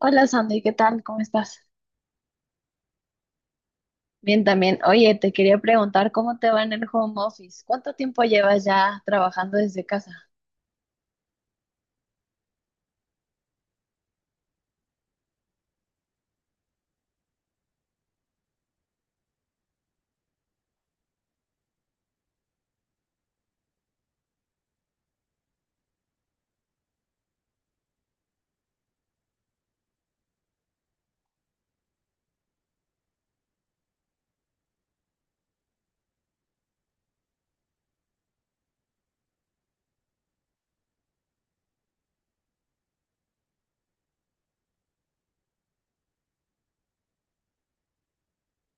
Hola Sandy, ¿qué tal? ¿Cómo estás? Bien, también. Oye, te quería preguntar cómo te va en el home office. ¿Cuánto tiempo llevas ya trabajando desde casa?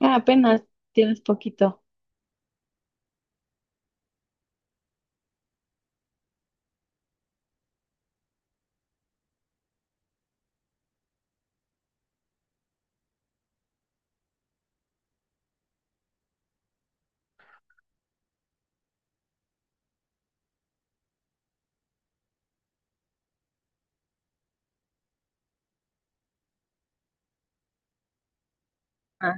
Ah, apenas tienes poquito. Ah,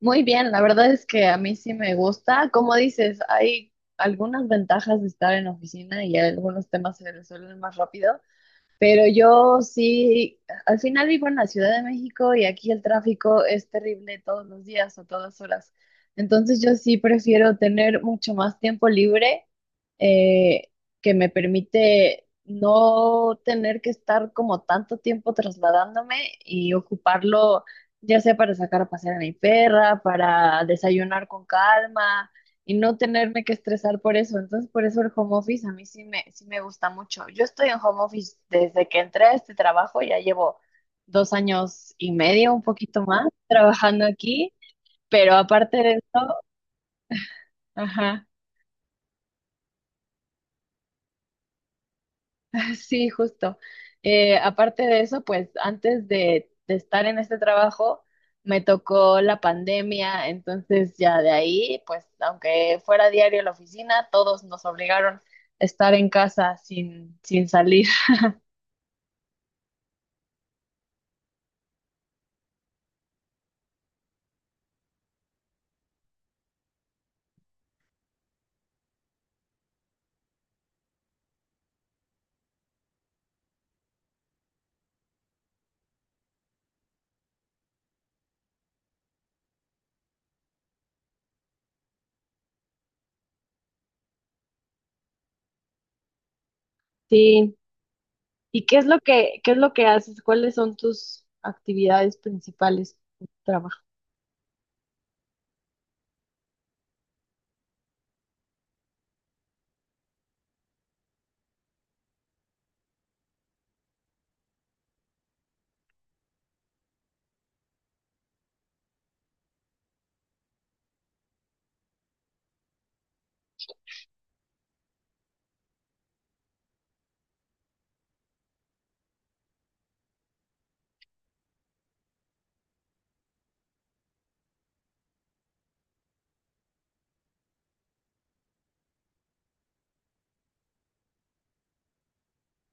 muy bien, la verdad es que a mí sí me gusta. Como dices, hay algunas ventajas de estar en oficina y algunos temas se resuelven más rápido, pero yo sí, al final vivo en la Ciudad de México y aquí el tráfico es terrible todos los días o todas horas. Entonces yo sí prefiero tener mucho más tiempo libre eh, que me permite no tener que estar como tanto tiempo trasladándome y ocuparlo ya sea para sacar a pasear a mi perra, para desayunar con calma y no tenerme que estresar por eso. Entonces, por eso el home office a mí sí me gusta mucho. Yo estoy en home office desde que entré a este trabajo, ya llevo 2 años y medio, un poquito más, trabajando aquí, pero aparte de eso, ajá, sí, justo. Aparte de eso, pues antes de estar en este trabajo, me tocó la pandemia, entonces ya de ahí, pues aunque fuera diario a la oficina, todos nos obligaron a estar en casa sin salir. Sí. ¿Y qué es lo que haces? ¿Cuáles son tus actividades principales en tu trabajo?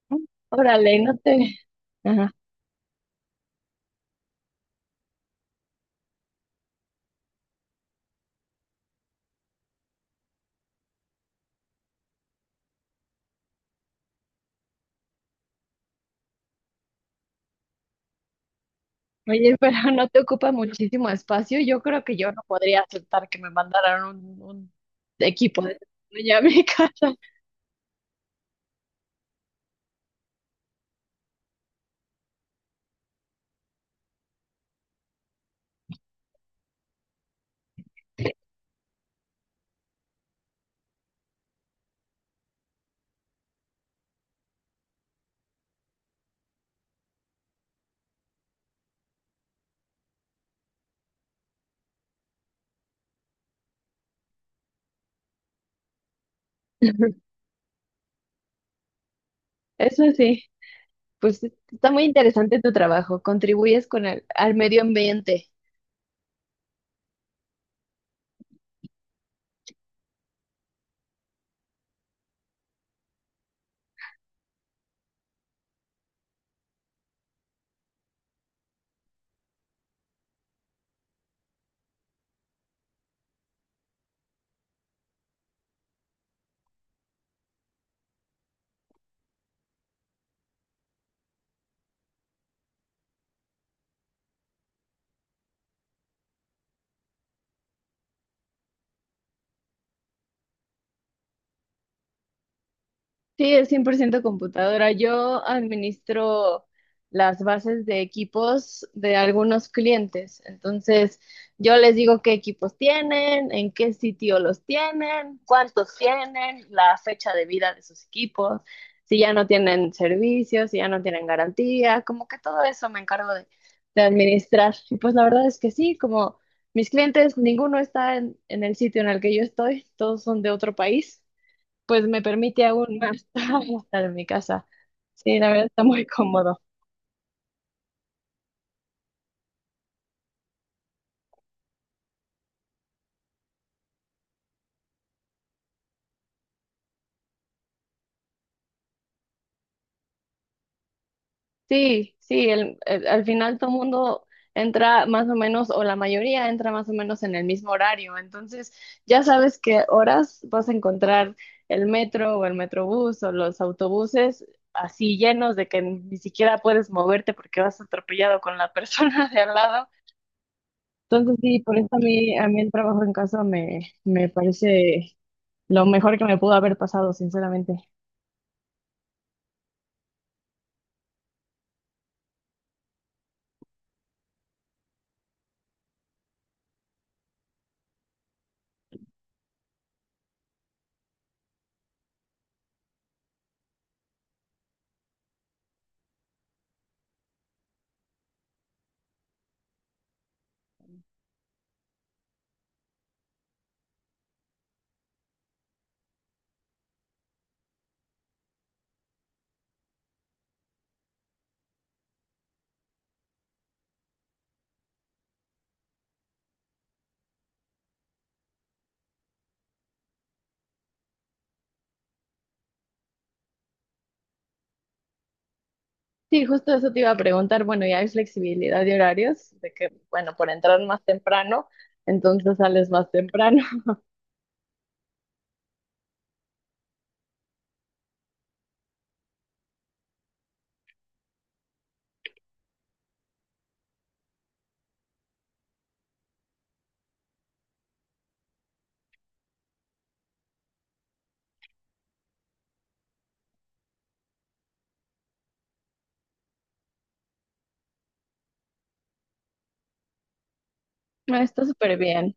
Mm, órale, no te... Ajá. Oye, pero no te ocupa muchísimo espacio. Yo creo que yo no podría aceptar que me mandaran un equipo de tecnología a mi casa. Eso sí, pues está muy interesante tu trabajo. Contribuyes con el, al medio ambiente. Sí, es 100% computadora. Yo administro las bases de equipos de algunos clientes. Entonces, yo les digo qué equipos tienen, en qué sitio los tienen, cuántos tienen, la fecha de vida de sus equipos, si ya no tienen servicios, si ya no tienen garantía, como que todo eso me encargo de administrar. Y pues la verdad es que sí, como mis clientes, ninguno está en el sitio en el que yo estoy, todos son de otro país, pues me permite aún más estar en mi casa. Sí, la verdad está muy cómodo. Sí, sí, al final todo el mundo entra más o menos, o la mayoría entra más o menos en el mismo horario, entonces ya sabes qué horas vas a encontrar el metro o el metrobús o los autobuses así llenos de que ni siquiera puedes moverte porque vas atropellado con la persona de al lado. Entonces sí, por eso a mí el trabajo en casa me parece lo mejor que me pudo haber pasado, sinceramente. Sí, justo eso te iba a preguntar. Bueno, ya hay flexibilidad de horarios, de que, bueno, por entrar más temprano, entonces sales más temprano. Ah, está súper bien.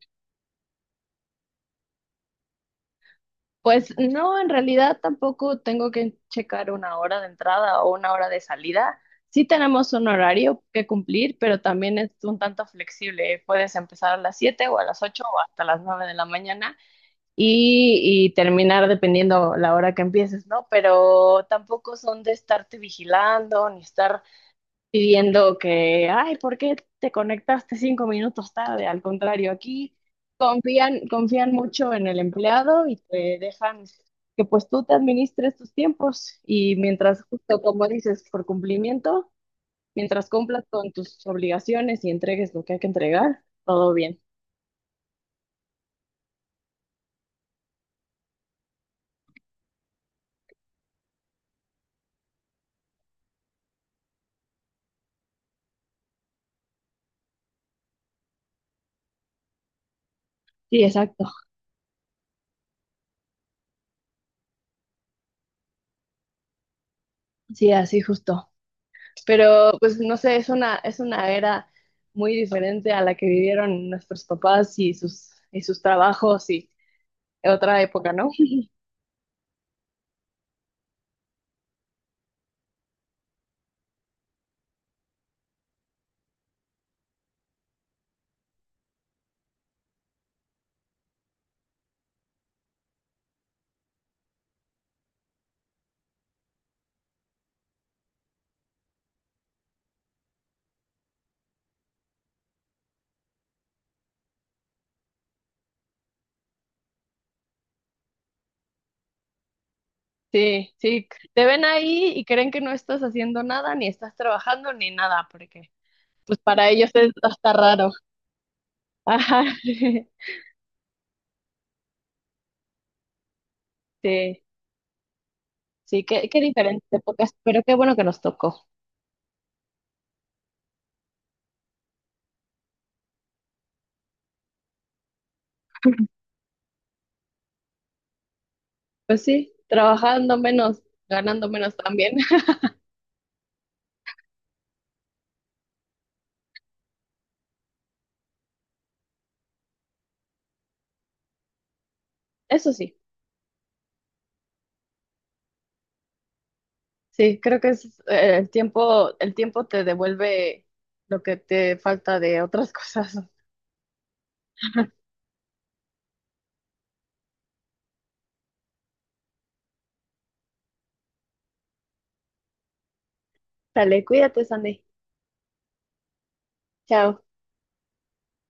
Pues no, en realidad tampoco tengo que checar una hora de entrada o una hora de salida. Sí tenemos un horario que cumplir, pero también es un tanto flexible. Puedes empezar a las 7 o a las 8 o hasta las 9 de la mañana y terminar dependiendo la hora que empieces, ¿no? Pero tampoco son de estarte vigilando ni estar pidiendo que, ay, ¿por qué te conectaste 5 minutos tarde? Al contrario, aquí confían, confían mucho en el empleado y te dejan que pues tú te administres tus tiempos y mientras, justo como dices, por cumplimiento, mientras cumplas con tus obligaciones y entregues lo que hay que entregar, todo bien. Sí, exacto. Sí, así justo. Pero pues no sé, es una era muy diferente a la que vivieron nuestros papás y sus trabajos y otra época, ¿no? Sí, sí, te ven ahí y creen que no estás haciendo nada, ni estás trabajando, ni nada, porque pues para ellos es hasta raro. Ajá, sí, sí, qué diferentes épocas, pero qué bueno que nos tocó. Pues sí, trabajando menos, ganando menos también. Eso sí, sí, creo que es el tiempo te devuelve lo que te falta de otras cosas. Dale, cuídate, Sandy. Chao.